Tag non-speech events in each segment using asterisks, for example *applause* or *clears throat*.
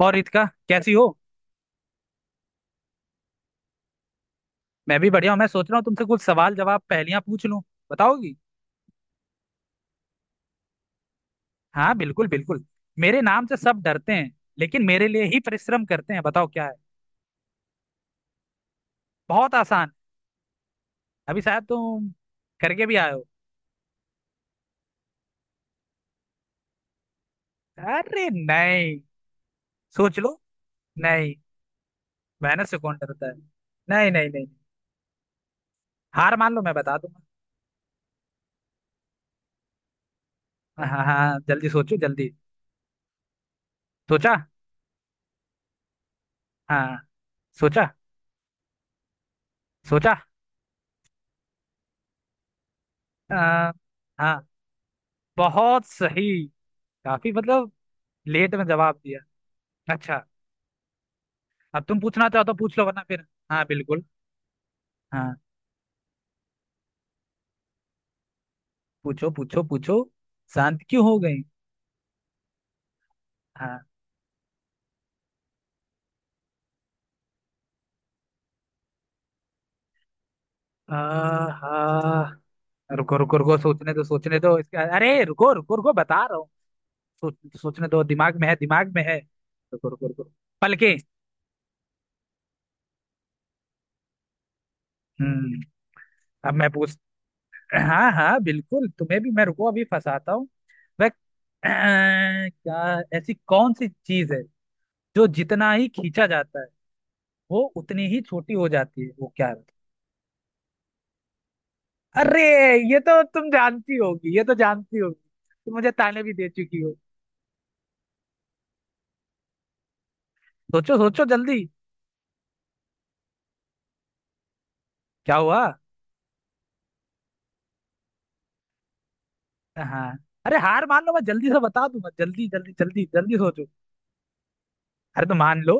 और रितिका कैसी हो। मैं भी बढ़िया हूँ। मैं सोच रहा हूँ तुमसे कुछ सवाल जवाब पहेलियां पूछ लूं, बताओगी? हाँ बिल्कुल बिल्कुल। मेरे नाम से सब डरते हैं, लेकिन मेरे लिए ही परिश्रम करते हैं। बताओ क्या है। बहुत आसान। अभी शायद तुम करके भी आए हो। अरे नहीं, सोच लो। नहीं, मेहनत से कौन डरता है। नहीं नहीं नहीं, हार मान लो मैं बता दूंगा। हाँ हाँ, जल्दी सोचो जल्दी। सोचा? हाँ, सोचा। सोचा। आ, हाँ, बहुत सही। काफी मतलब लेट में जवाब दिया। अच्छा, अब तुम पूछना चाहो तो पूछ लो, वरना फिर। हाँ बिल्कुल। हाँ, पूछो पूछो पूछो। शांत क्यों हो गई? हाँ। आ, हाँ, रुको रुको रुको, सोचने दो इसके, अरे रुको रुको रुको बता रहा हूँ। सोच, सोचने दो, दिमाग में है दिमाग में है। रुको रुको रुको। पलके। हम्म। अब मैं पूछ, हाँ हाँ बिल्कुल तुम्हें भी मैं, रुको अभी फंसाता हूँ। वह क्या ऐसी कौन सी चीज है जो जितना ही खींचा जाता है वो उतनी ही छोटी हो जाती है, वो क्या है? अरे, ये तो तुम जानती होगी ये तो जानती होगी। तुम मुझे ताने भी दे चुकी हो। सोचो सोचो जल्दी। क्या हुआ? हाँ। अरे हार मान लो मैं जल्दी से बता दूंगा, जल्दी जल्दी जल्दी जल्दी सोचो। अरे तो मान लो।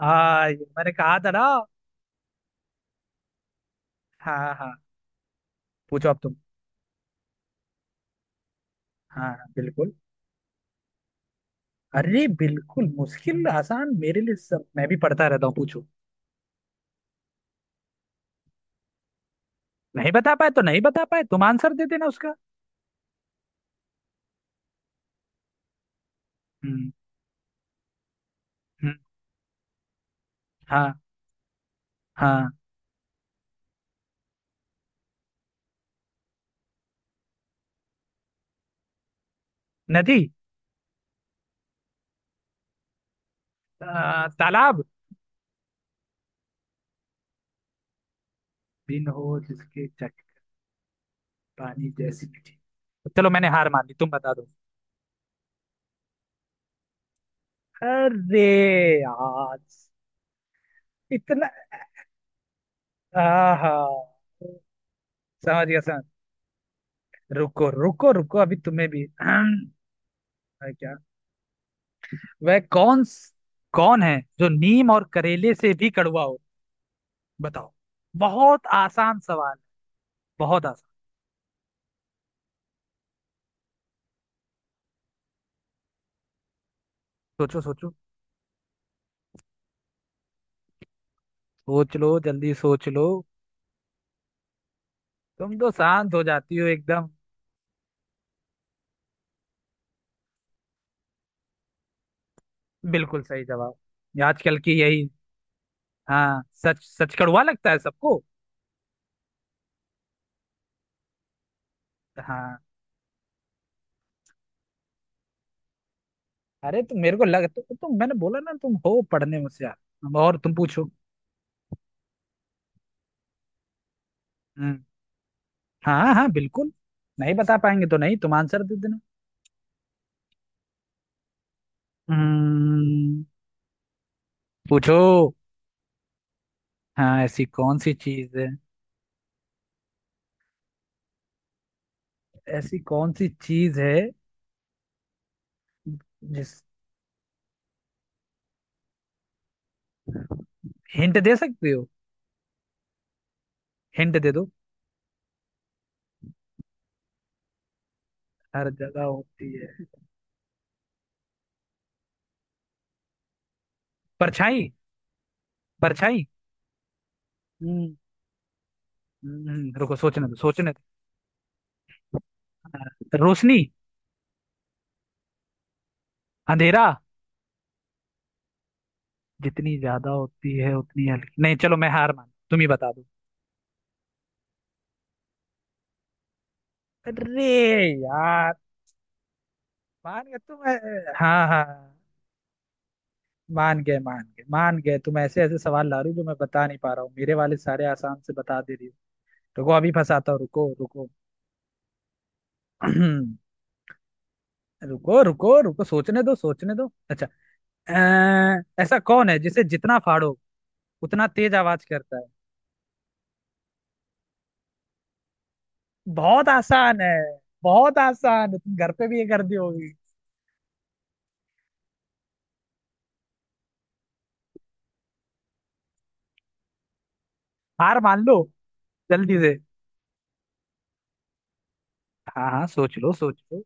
हाँ, ये मैंने कहा था ना। हाँ हाँ। पूछो अब तुम। हाँ हाँ, बिल्कुल। अरे बिल्कुल, मुश्किल आसान मेरे लिए सब, मैं भी पढ़ता रहता हूँ। पूछो। नहीं बता पाए तो नहीं बता पाए, तुम आंसर दे देना उसका। हम्म। हम्म, हाँ हाँ। नदी। तालाब। बिन हो जिसके चक्कर, पानी जैसी मीठी। चलो मैंने हार मान ली, तुम बता दो। अरे यार, इतना। आहा। समझ गया समझ। रुको रुको रुको, अभी तुम्हें भी, अरे। क्या। वह कौन, कौन है जो नीम और करेले से भी कड़वा हो? बताओ। बहुत आसान सवाल। बहुत आसान। सोचो सोचो। सोच लो जल्दी सोच लो। तुम तो शांत हो जाती हो एकदम। बिल्कुल सही जवाब। ये आजकल की यही। हाँ, सच। सच कड़वा लगता है सबको। हाँ। अरे तो मेरे को लग तो मैंने बोला ना तुम हो पढ़ने में होशियार, और तुम पूछो। हम्म। हाँ हाँ बिल्कुल। नहीं बता पाएंगे तो नहीं, तुम आंसर दे देना। हम्म। पूछो। हाँ, ऐसी कौन सी चीज है। ऐसी कौन सी चीज है। जिस, हिंट दे सकते हो? हिंट दे दो। हर जगह होती है? परछाई। परछाई। हम्म। रुको सोचने दो सोचने दो। हाँ, रोशनी। अंधेरा। जितनी ज्यादा होती है उतनी हल्की, नहीं चलो मैं हार मान, तुम ही बता दो। अरे यार। मान गए तुम, हाँ हाँ। मान गए तुम ऐसे ऐसे सवाल ला रही हो जो मैं बता नहीं पा रहा हूँ, मेरे वाले सारे आसान से बता दे रही हो। रुको अभी फंसाता हूँ, रुको रुको। *clears throat* रुको रुको रुको, सोचने दो सोचने दो। अच्छा, ऐसा कौन है जिसे जितना फाड़ो उतना तेज आवाज करता है। बहुत आसान है। बहुत आसान है, तुम घर पे भी ये कर दी होगी। हार मान लो जल्दी से। हाँ हाँ सोच लो सोच लो।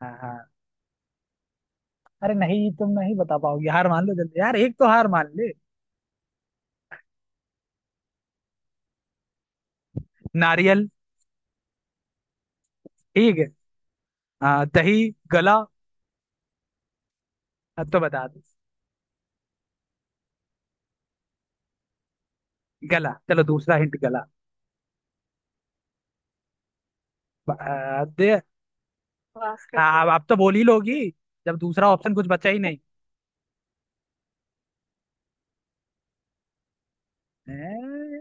हाँ हाँ। अरे नहीं, तुम नहीं बता पाओगे, हार मान लो जल्दी यार, एक तो हार मान ले। नारियल। ठीक है। दही। गला। अब तो बता दो। गला, चलो दूसरा हिंट गला। दे। अब आप तो बोल ही लोगी, जब दूसरा ऑप्शन कुछ बचा ही नहीं। हैं?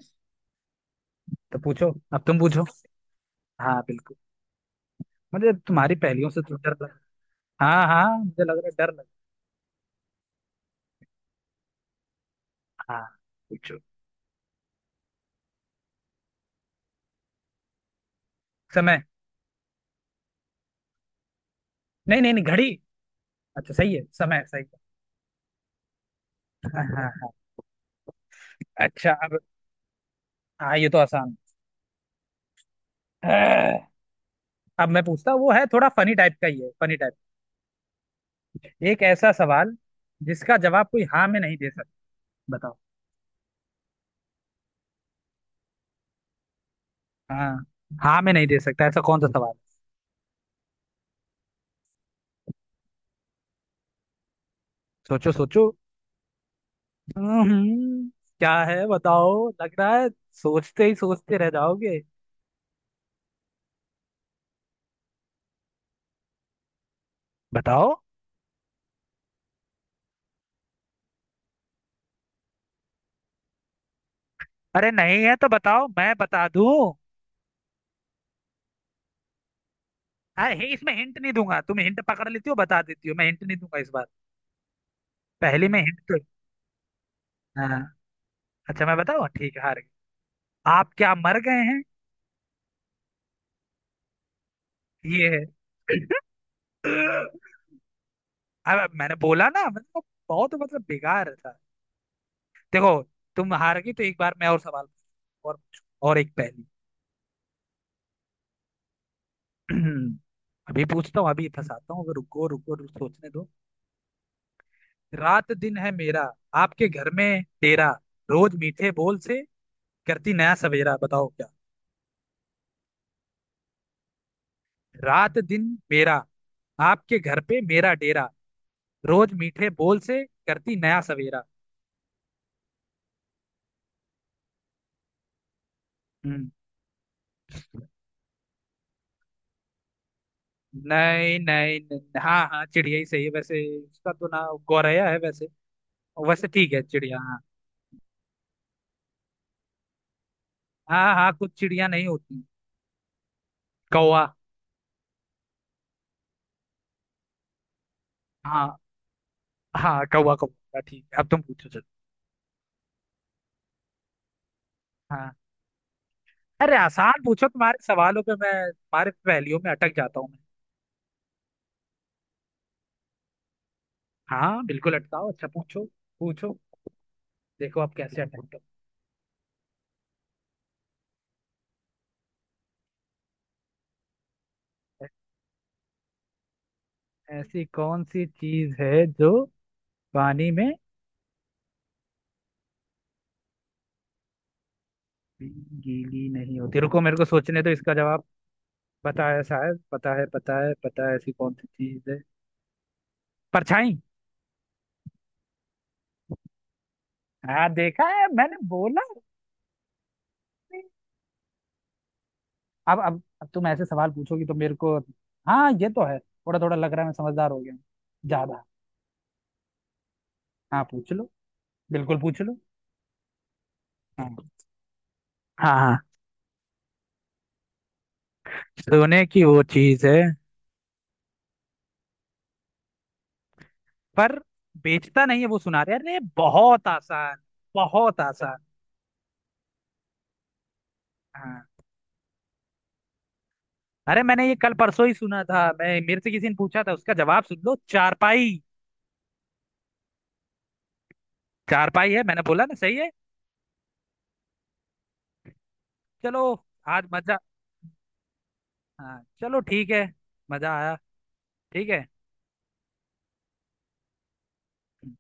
तो पूछो, अब तुम पूछो। हाँ बिल्कुल। मुझे तुम्हारी पहेलियों से तो डर लग। हाँ हाँ, मुझे लग रहा है डर लग। हाँ, पूछो। समय। नहीं नहीं नहीं, घड़ी। अच्छा, सही है, समय सही है। *laughs* हाँ हाँ हाँ। अच्छा अब। हाँ ये तो आसान है। अब मैं पूछता हूँ, वो है थोड़ा फनी टाइप का ही है, फनी टाइप। एक ऐसा सवाल जिसका जवाब कोई हाँ में नहीं दे सकता। बताओ। हाँ, हाँ में नहीं दे सकता, ऐसा कौन सा सवाल? सोचो सोचो। हम्म, क्या है बताओ, लग रहा है सोचते ही सोचते रह जाओगे। बताओ। अरे नहीं है तो बताओ, मैं बता दूं। अरे इसमें हिंट नहीं दूंगा, तुम हिंट पकड़ लेती हो बता देती हो, मैं हिंट नहीं दूंगा इस बार। पहली में हिंट तो। हाँ। अच्छा, मैं बताऊँ, ठीक है हार गए? आप क्या मर गए हैं? ये है। अब मैंने बोला ना, मतलब बहुत मतलब बेकार था। देखो। तुम हार गई, तो एक बार मैं और सवाल पूछूं, और एक पहेली। *clears throat* अभी पूछता हूँ, अभी फंसाता हूँ, रुको रुको रुको सोचने दो। रात दिन है मेरा, आपके घर में डेरा, रोज मीठे बोल से करती नया सवेरा। बताओ क्या। रात दिन मेरा, आपके घर पे मेरा डेरा। रोज मीठे बोल से करती नया सवेरा। हम्म, नहीं नहीं नहीं, हाँ हाँ, चिड़िया ही सही है वैसे, उसका तो नाम गौरैया है वैसे। वैसे ठीक है, चिड़िया, हाँ। हाँ हाँ, कुछ चिड़िया नहीं होती। कौवा। हाँ हाँ, कौवा कौवा ठीक है। अब तुम पूछो चलो। हाँ। अरे आसान पूछो, तुम्हारे सवालों पे मैं, तुम्हारे पहेलियों में अटक जाता हूँ मैं। हाँ बिल्कुल अटकाओ, अच्छा पूछो पूछो। देखो आप कैसे अटकते हो। ऐसी कौन सी चीज है जो पानी में गीली नहीं होती? रुको मेरे को सोचने दो इसका जवाब, पता है शायद, पता है पता है पता है। ऐसी कौन सी चीज है। परछाई। हाँ देखा, है मैंने बोला। अब तुम ऐसे सवाल पूछोगी तो मेरे को। हाँ ये तो है, थोड़ा थोड़ा लग रहा है मैं समझदार हो गया हूँ, ज्यादा। हाँ, पूछ लो, बिल्कुल पूछ लो। हाँ। हाँ। हाँ सोने की वो चीज है, पर बेचता नहीं है वो सुनार। यार ये बहुत आसान, बहुत आसान। हाँ। अरे मैंने ये कल परसों ही सुना था, मैं मेरे से किसी ने पूछा था उसका जवाब, सुन लो, चारपाई। चारपाई है, मैंने बोला ना, सही है। चलो। आज मजा, हाँ चलो ठीक है, मजा आया। ठीक है।